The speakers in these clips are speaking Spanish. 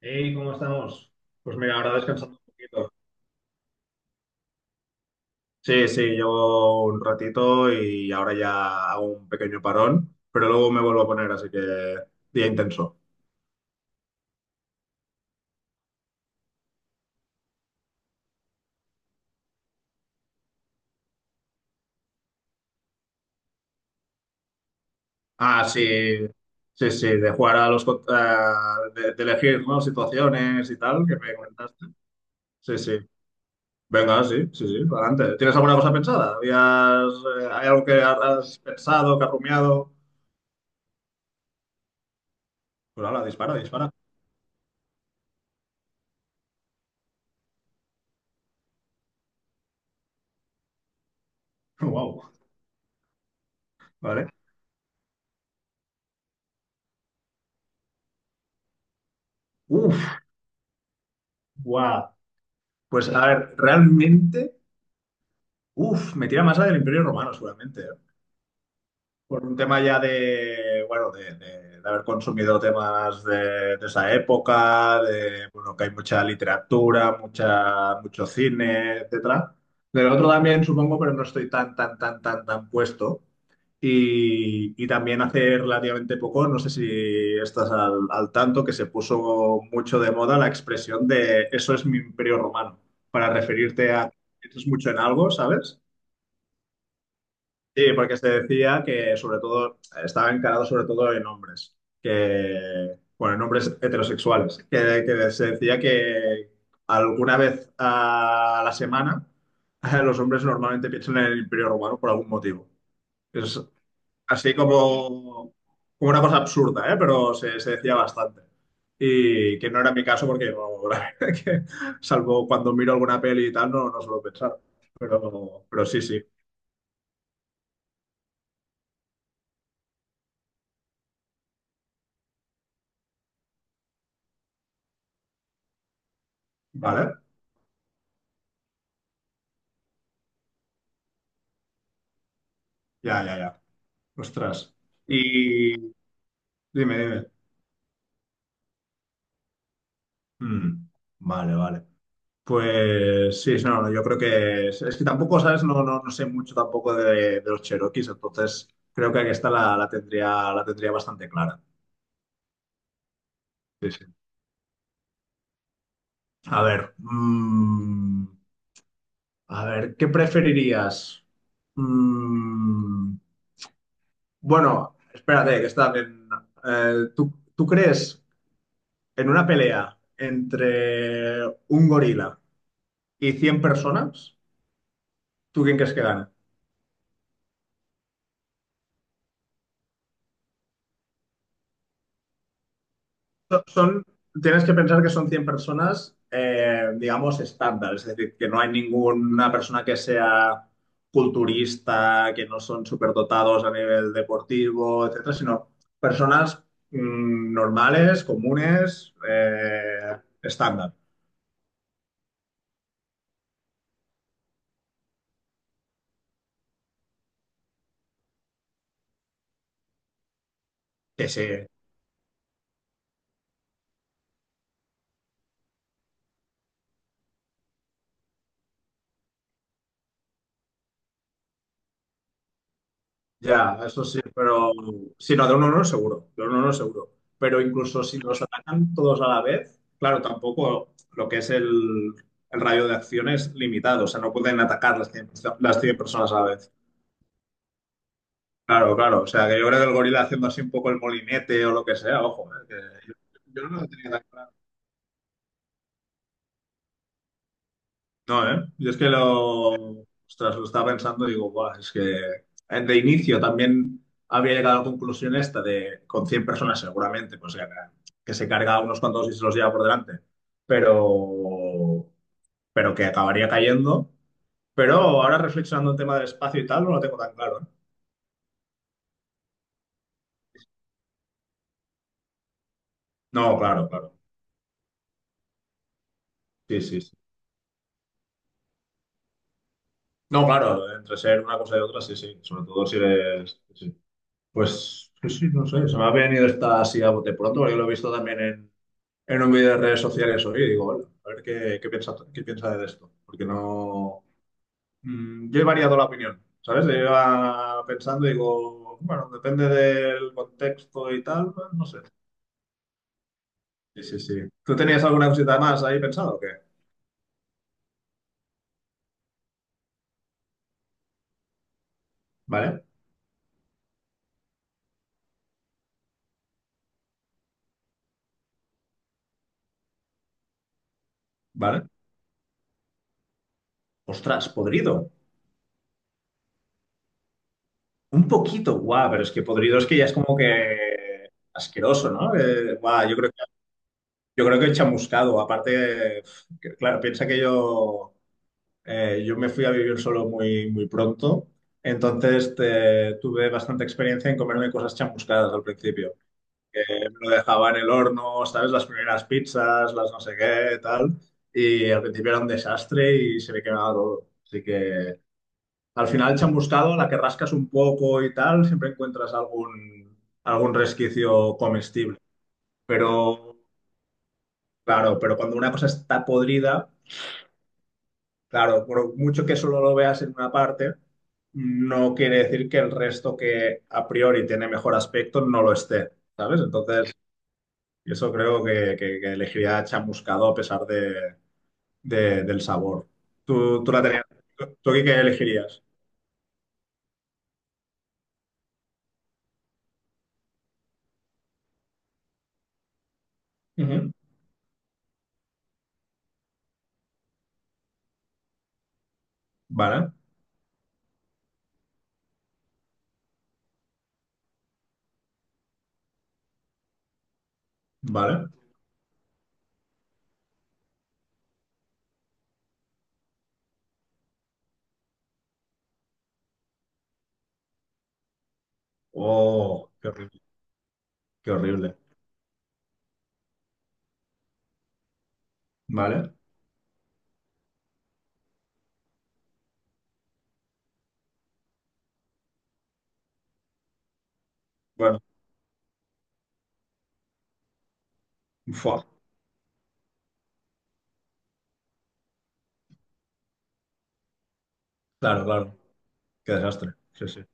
Hey, ¿cómo estamos? Pues mira, ahora descansando un poquito. Sí, sí, llevo un ratito y ahora ya hago un pequeño parón, pero luego me vuelvo a poner, así que día intenso. Ah, sí, sí, sí, de jugar a los... de elegir, ¿no? Situaciones y tal, que me comentaste. Sí, sí. Venga, sí, sí, sí, adelante. ¿Tienes alguna cosa pensada? ¿Hay algo que has pensado, que has rumiado? Pues ahora, dispara, dispara. Wow, vale. Uf, wow. Pues a ver, realmente... Uf, me tira más la del Imperio Romano, seguramente, ¿eh? Por un tema ya de, bueno, de haber consumido temas de esa época, de, bueno, que hay mucha literatura, mucha, mucho cine, etcétera. Del otro también, supongo, pero no estoy tan puesto. Y también hace relativamente poco, no sé si estás al, al tanto, que se puso mucho de moda la expresión de eso es mi imperio romano, para referirte a que piensas mucho en algo, ¿sabes? Sí, porque se decía que sobre todo estaba encarado sobre todo en hombres, que, bueno, en hombres heterosexuales, que se decía que alguna vez a la semana los hombres normalmente piensan en el Imperio Romano por algún motivo. Es así como, como una cosa absurda, ¿eh? Pero se decía bastante. Y que no era mi caso porque, la verdad que, salvo cuando miro alguna peli y tal, no, no suelo pensar. Pero sí, sí, ¿vale? Ya, ya, ya. Ostras. Y dime, dime. Mm, vale, vale. Pues sí, no, no, yo creo que es que tampoco, ¿sabes? No, no, no sé mucho tampoco de, de los Cherokees, entonces creo que esta la, la tendría bastante clara. Sí, sí. A ver, a ver, ¿qué preferirías? Mm, bueno, espérate, que está bien. ¿Tú, tú crees en una pelea entre un gorila y 100 personas? ¿Tú quién crees que gana? Son, tienes que pensar que son 100 personas, digamos, estándar, es decir, que no hay ninguna persona que sea culturista, que no son superdotados a nivel deportivo, etcétera, sino personas normales, comunes, estándar, que se. Ya, eso sí, pero sí, no, de uno no seguro, de uno no seguro. Pero incluso si los atacan todos a la vez, claro, tampoco lo que es el radio de acción es limitado, o sea, no pueden atacar las 100, las 100 personas a la vez. Claro, claro, o sea, que yo creo que el gorila haciendo así un poco el molinete o lo que sea, ojo, que yo no lo tenía tan claro. No, ¿eh? Yo es que lo, ostras, lo estaba pensando y digo, "Buah, es que de inicio también había llegado a la conclusión esta de con 100 personas seguramente, pues que se carga a unos cuantos y se los lleva por delante, pero, pero que acabaría cayendo. Pero ahora reflexionando en tema del espacio y tal, no lo tengo tan claro, ¿eh? No, claro, claro. Sí, sí, sí. No, claro, entre ser una cosa y otra, sí, sí. Sobre todo si eres... sí, sí. Pues sí, sí, no sé, se me ha venido esta así a bote pronto, porque lo he visto también en un vídeo de redes sociales hoy y digo, bueno, a ver qué, qué piensa de esto, porque no... yo he variado la opinión, ¿sabes? Yo iba pensando y digo, bueno, depende del contexto y tal, pues, no sé. Sí, sí, sí. ¿Tú tenías alguna cosita más ahí pensado o qué? ¿Vale? ¿Vale? Ostras, podrido. Un poquito, guau, pero es que podrido es que ya es como que asqueroso, ¿no? Guau, yo creo. Yo creo que he chamuscado. Aparte, que, claro, piensa que yo, yo me fui a vivir solo muy, muy pronto. Entonces tuve bastante experiencia en comerme cosas chamuscadas al principio. Que me lo dejaba en el horno, ¿sabes? Las primeras pizzas, las no sé qué, tal. Y al principio era un desastre y se me quemaba todo. Así que al final, chamuscado, a la que rascas un poco y tal, siempre encuentras algún, algún resquicio comestible. Pero, claro, pero cuando una cosa está podrida. Claro, por mucho que solo lo veas en una parte, no quiere decir que el resto que a priori tiene mejor aspecto no lo esté, ¿sabes? Entonces, eso creo que, que elegiría chamuscado a pesar de, del sabor. ¿Tú, tú la tenías? ¿Tú qué qué elegirías? Ujú. Vale, vale. Oh, qué horrible, qué horrible. Vale. Bueno, fua. Claro, claro. Qué desastre. Sí, sí.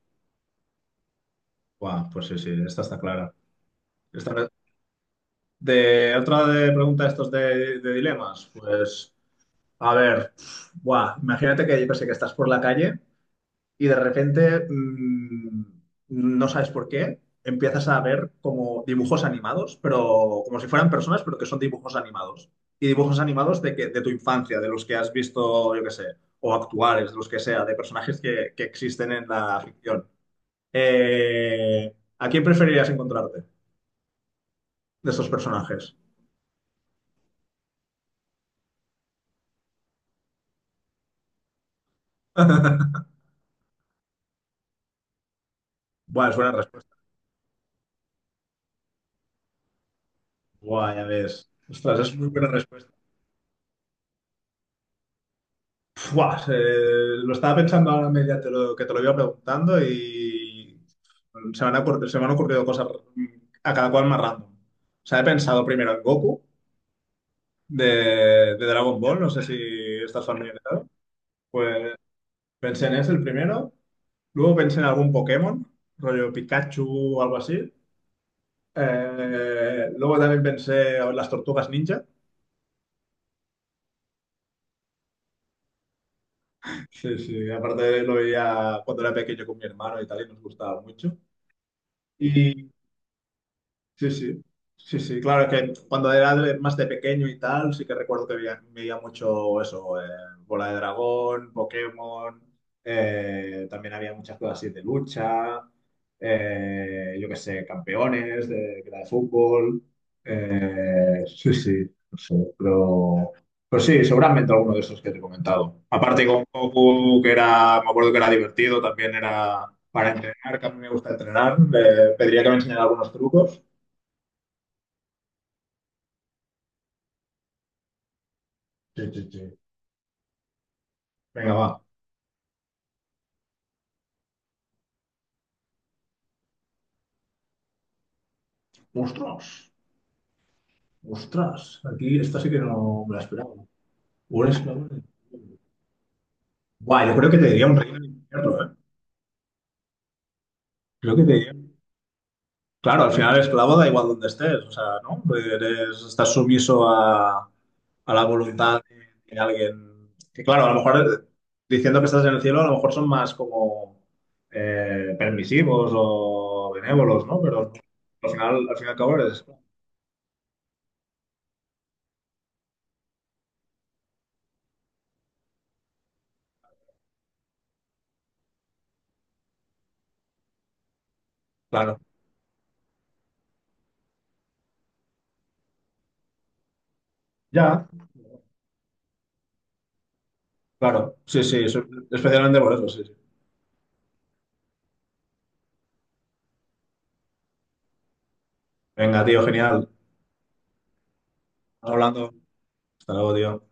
Buah, pues sí, sí, esta está clara. Esta, de otra de pregunta estos de dilemas, pues a ver, buah, imagínate que yo que sé que estás por la calle y de repente no sabes por qué, empiezas a ver como dibujos animados, pero como si fueran personas, pero que son dibujos animados. Y dibujos animados de que, de tu infancia, de los que has visto, yo que sé, o actuales, de los que sea, de personajes que existen en la ficción. ¿A quién preferirías encontrarte de estos personajes? Bueno, es buena respuesta. Buah, ya ves. Ostras, es muy buena respuesta. Buah, lo estaba pensando ahora media que te lo iba preguntando y se me han ocurrido, se me han ocurrido cosas a cada cual más random. O sea, he pensado primero en Goku de, de Dragon Ball, no sé si estás familiarizado. Pues pensé en ese el primero, luego pensé en algún Pokémon, rollo Pikachu o algo así. Luego también pensé en las tortugas ninja. Sí, sí, aparte lo veía cuando era pequeño con mi hermano y tal, y nos gustaba mucho. Y sí, sí, sí, sí, claro, es que cuando era más de pequeño y tal, sí que recuerdo que veía, veía mucho eso, Bola de Dragón, Pokémon, también había muchas cosas así de lucha, yo qué sé, campeones de, que era de fútbol, sí, sí, no sé, pero sí, seguramente alguno de esos que te he comentado. Aparte con Goku, que era, me acuerdo que era divertido, también era para entrenar, que a mí me gusta entrenar, pediría que me enseñara algunos trucos. Sí, sí, sí. Venga, va. ¡Ostras! ¡Ostras! Aquí esta sí que no me la esperaba. Un esclavo. Guau, yo creo que te diría un reino del infierno, ¿eh? Creo que te diría. Claro, al final esclavo da igual donde estés, o sea, ¿no? Estás sumiso a la voluntad de alguien. Que claro, a lo mejor diciendo que estás en el cielo, a lo mejor son más como permisivos o benévolos, ¿no? Pero al final, al fin y al cabo eres esclavo. Claro. Ya. Claro, sí, sí, eso, especialmente por eso, sí, sí. Venga, tío, genial. Estamos hablando. Hasta luego, tío.